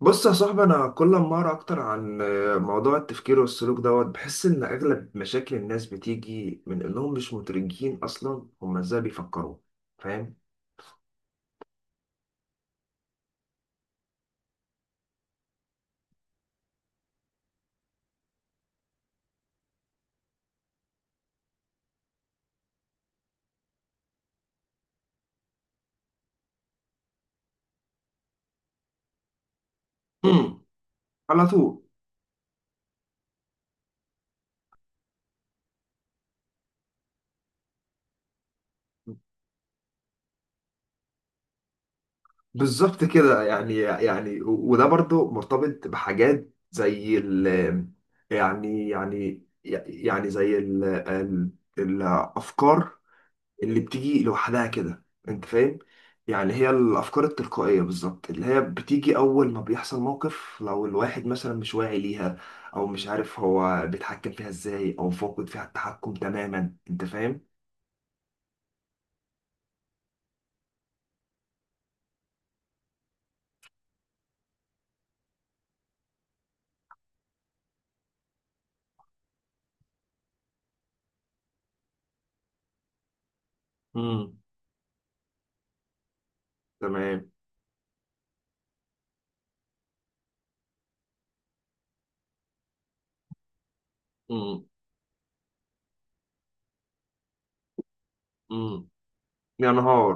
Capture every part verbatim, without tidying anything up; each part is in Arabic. بص يا صاحبي، انا كل ما اقرا اكتر عن موضوع التفكير والسلوك دوت بحس ان اغلب مشاكل الناس بتيجي من انهم مش مدركين اصلا هما ازاي بيفكروا. فاهم. هم. على طول. بالظبط كده. يعني يعني و- وده برضو مرتبط بحاجات زي ال يعني يعني يعني زي ال ال الافكار اللي بتيجي لوحدها كده، انت فاهم؟ يعني هي الافكار التلقائيه بالظبط اللي هي بتيجي اول ما بيحصل موقف، لو الواحد مثلا مش واعي ليها، او مش عارف هو بيتحكم فيها ازاي، او فاقد فيها التحكم تماما. انت فاهم؟ امم. تمام. امم. امم. يا نهار.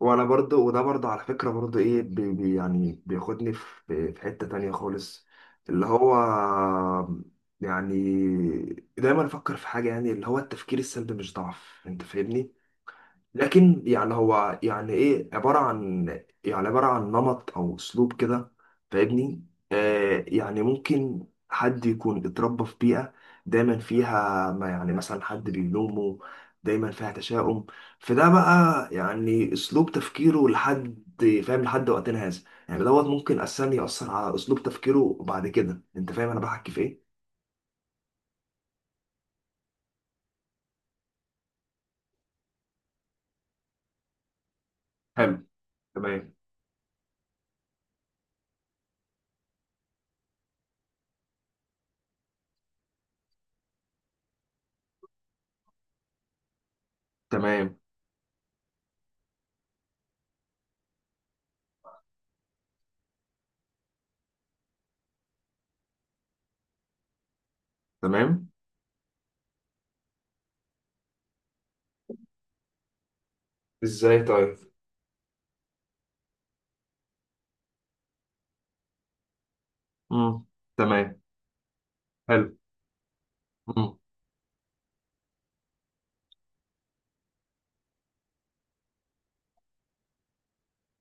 وانا برضو، وده برضو على فكرة برضو ايه، بي بي يعني بياخدني في في حتة تانية خالص اللي هو، يعني دايما افكر في حاجة، يعني اللي هو التفكير السلبي مش ضعف. انت فاهمني؟ لكن يعني هو يعني ايه عبارة عن، يعني عبارة عن نمط او اسلوب كده. فاهمني؟ آه يعني ممكن حد يكون اتربى في بيئة دايما فيها ما، يعني مثلا حد بيلومه، دايما فيها تشاؤم، فده بقى يعني اسلوب تفكيره لحد، فاهم، لحد وقتنا هذا. يعني دوت ممكن اساسا يأثر على اسلوب تفكيره بعد كده. انت فاهم انا بحكي في ايه؟ حلو. تمام. تمام. تمام. ازاي طيب؟ امم. تمام. حلو. مم.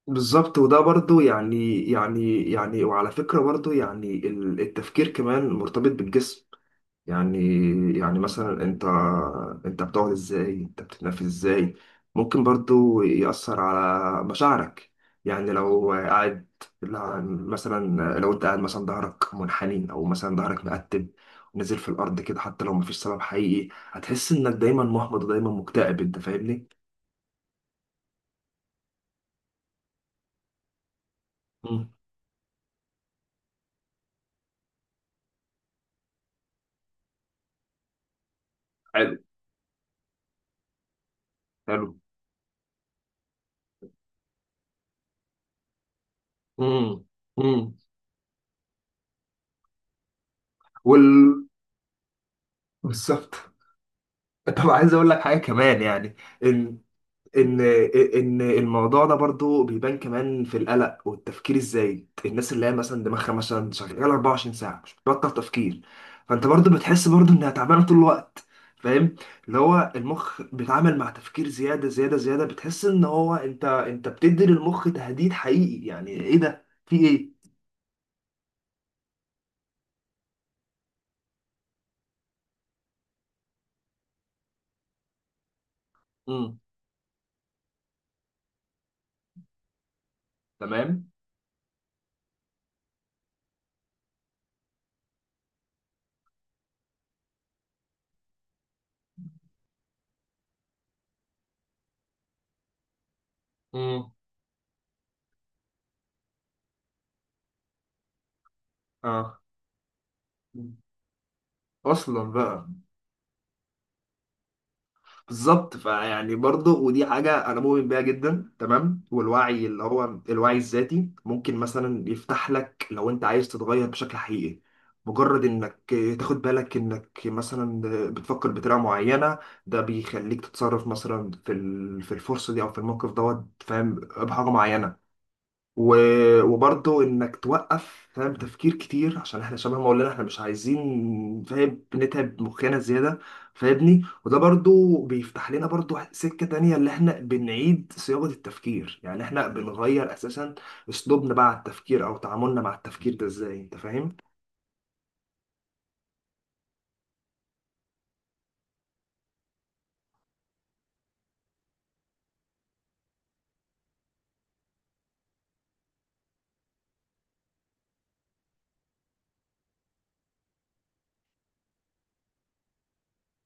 بالظبط، وده برضو يعني يعني يعني وعلى فكرة برضو يعني ال- التفكير كمان مرتبط بالجسم. يعني، يعني مثلا انت انت بتقعد ازاي، انت بتتنفس ازاي، ممكن برضو يأثر على مشاعرك. يعني لو قاعد، لا- مثلا لو انت قاعد مثلا ظهرك منحني، او مثلا ظهرك مقتب ونزل في الارض كده، حتى لو مفيش سبب حقيقي هتحس انك دايما محبط ودايما مكتئب. انت فاهمني؟ مم. حلو. حلو. مم. مم. وال بالظبط. طب عايز اقول لك حاجه كمان يعني، ان ان ان الموضوع ده برضو بيبان كمان في القلق والتفكير الزايد. الناس اللي هي مثلا دماغها مثلا شغاله اربعة وعشرين ساعة ساعه مش بتبطل تفكير، فانت برضو بتحس برضو انها تعبانه طول الوقت. فاهم؟ اللي هو المخ بيتعامل مع تفكير زياده زياده زياده، بتحس ان هو انت انت بتدي للمخ تهديد حقيقي، يعني ايه ده، في ايه؟ امم. تمام. امم. اه. اصلا بقى. بالظبط. فيعني برضه، ودي حاجة أنا مؤمن بيها جدا تمام. والوعي اللي هو الوعي الذاتي ممكن مثلا يفتح لك، لو أنت عايز تتغير بشكل حقيقي، مجرد إنك تاخد بالك إنك مثلا بتفكر بطريقة معينة، ده بيخليك تتصرف مثلا في ال- في الفرصة دي أو في الموقف دوت، فاهم، بحاجة معينة. و- وبرضه انك توقف، فاهم، تفكير كتير، عشان احنا شبه ما قلنا احنا مش عايزين، فاهم، نتعب مخنا زياده. فاهمني؟ وده برضه بيفتح لنا برضه سكه تانية، اللي احنا بنعيد صياغه التفكير، يعني احنا بنغير اساسا اسلوبنا بقى على التفكير، او تعاملنا مع التفكير ده ازاي. انت فاهم؟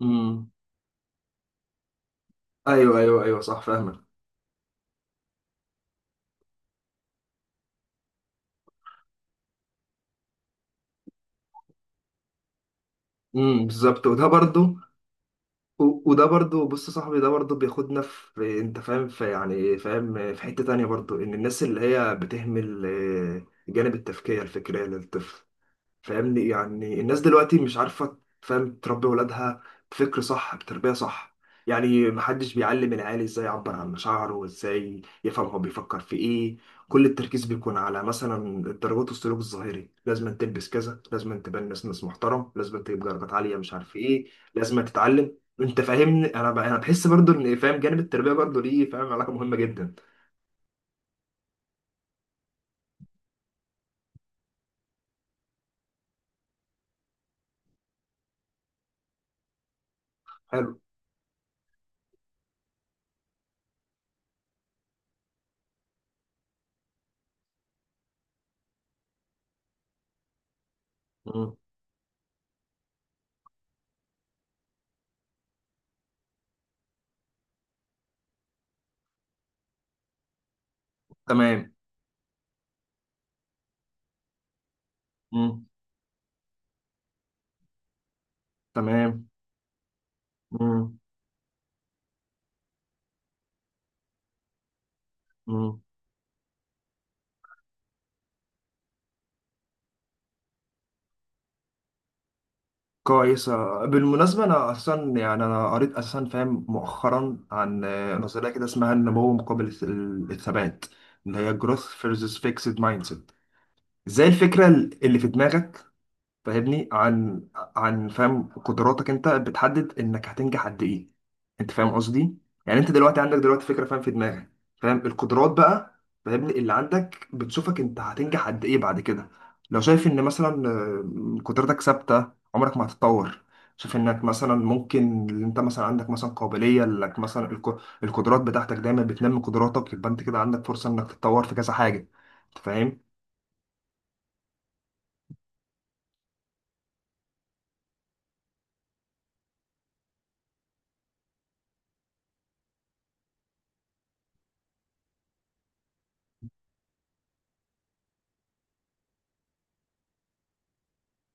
امم. ايوه، ايوه، ايوه. صح. فاهمك. امم. بالظبط، وده برضه، و- وده برضو، بص يا صاحبي، ده برضو بياخدنا في، انت فاهم، في، يعني، فاهم، في حتة تانية برضو، ان الناس اللي هي بتهمل آه، جانب التفكير الفكري للطفل. فاهمني؟ يعني الناس دلوقتي مش عارفة، فاهم، تربي ولادها بفكر صح، بتربية صح. يعني محدش بيعلم العيال ازاي يعبر عن مشاعره، وازاي يفهم هو بيفكر في ايه. كل التركيز بيكون على مثلا الدرجات والسلوك الظاهري: لازم تلبس كذا، لازم تبان ناس ناس محترم، لازم تجيب درجات عالية، مش عارف ايه، لازم تتعلم. انت فاهمني؟ انا ب... انا بحس برضو ان، فاهم، جانب التربية برضو ليه، فاهم، علاقة مهمة جدا. حلو. مم. تمام. مم. تمام. مم. مم. كويسة. بالمناسبة أنا أصلا يعني أنا قريت أساسا، فاهم، مؤخرا عن آه، نظرية كده اسمها النمو مقابل الث- الثبات، اللي هي Growth versus Fixed Mindset. زي الفكرة اللي في دماغك، فاهمني، عن، عن فاهم، قدراتك انت بتحدد انك هتنجح قد ايه. انت فاهم قصدي؟ يعني انت دلوقتي عندك دلوقتي فكره، فاهم، في دماغك، فاهم، القدرات بقى، فاهمني، اللي عندك بتشوفك انت هتنجح قد ايه بعد كده. لو شايف ان مثلا آه، قدرتك ثابته، عمرك ما هتتطور. شايف انك مثلا ممكن، اللي انت مثلا عندك مثلا قابليه انك مثلا الق- القدرات بتاعتك دايما بتنمي قدراتك، يبقى انت كده عندك فرصه انك تتطور في كذا حاجه. انت فاهم؟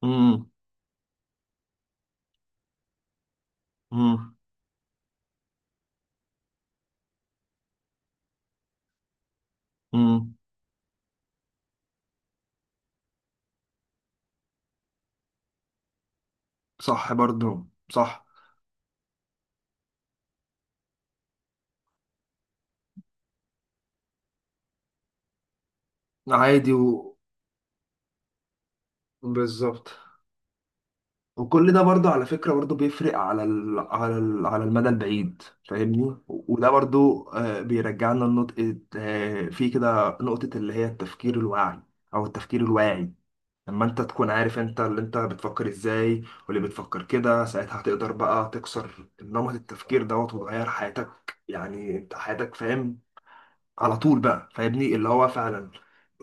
امم. امم. صح برضو. صح. عادي و... بالظبط. وكل ده برضو على فكرة برضو بيفرق على ال... على ال... على المدى البعيد، فاهمني، و- وده برضو آه، بيرجعنا لنقطة، آه، في كده نقطة اللي هي التفكير الواعي، أو التفكير الواعي. لما انت تكون عارف انت اللي انت بتفكر ازاي واللي بتفكر كده، ساعتها هتقدر بقى تكسر نمط التفكير دوت وتغير حياتك. يعني انت حياتك، فاهم، على طول بقى، فاهمني، اللي هو فعلا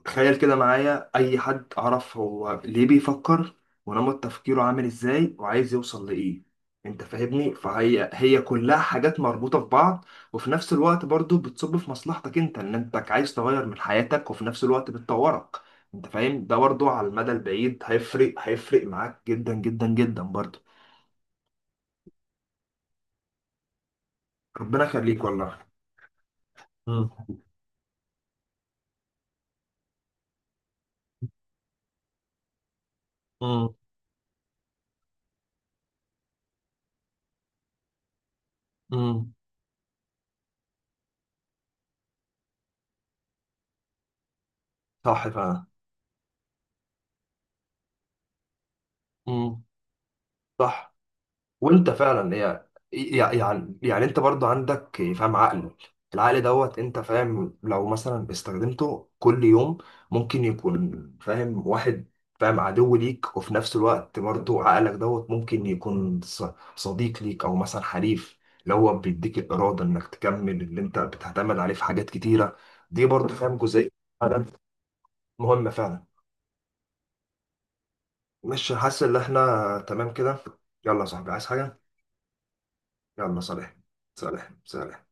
تخيل كده معايا اي حد، اعرف هو ليه بيفكر ونمط تفكيره عامل ازاي وعايز يوصل لايه. انت فاهمني؟ فهي هي كلها حاجات مربوطة في بعض، وفي نفس الوقت برضو بتصب في مصلحتك انت، ان انت عايز تغير من حياتك، وفي نفس الوقت بتطورك. انت فاهم، ده برضو على المدى البعيد هيفرق، هيفرق معاك جدا جدا جدا برضو. ربنا يخليك والله. مم. مم. مم. صح فعلا. مم. صح. وانت فعلا هي يعني يعني انت برضو عندك، فاهم، عقل. العقل دوت، انت فاهم، لو مثلا استخدمته كل يوم، ممكن يكون، فاهم، واحد، فاهم، عدو ليك. وفي نفس الوقت برضو عقلك دوت ممكن يكون ص- صديق ليك، او مثلا حليف اللي هو بيديك الارادة انك تكمل، اللي انت بتعتمد عليه في حاجات كتيرة. دي برضو، فاهم، جزئية فعلاً مهمة فعلا. مش حاسس ان احنا تمام كده؟ يلا يا صاحبي، عايز حاجة؟ يلا صالح. صالح. صالح.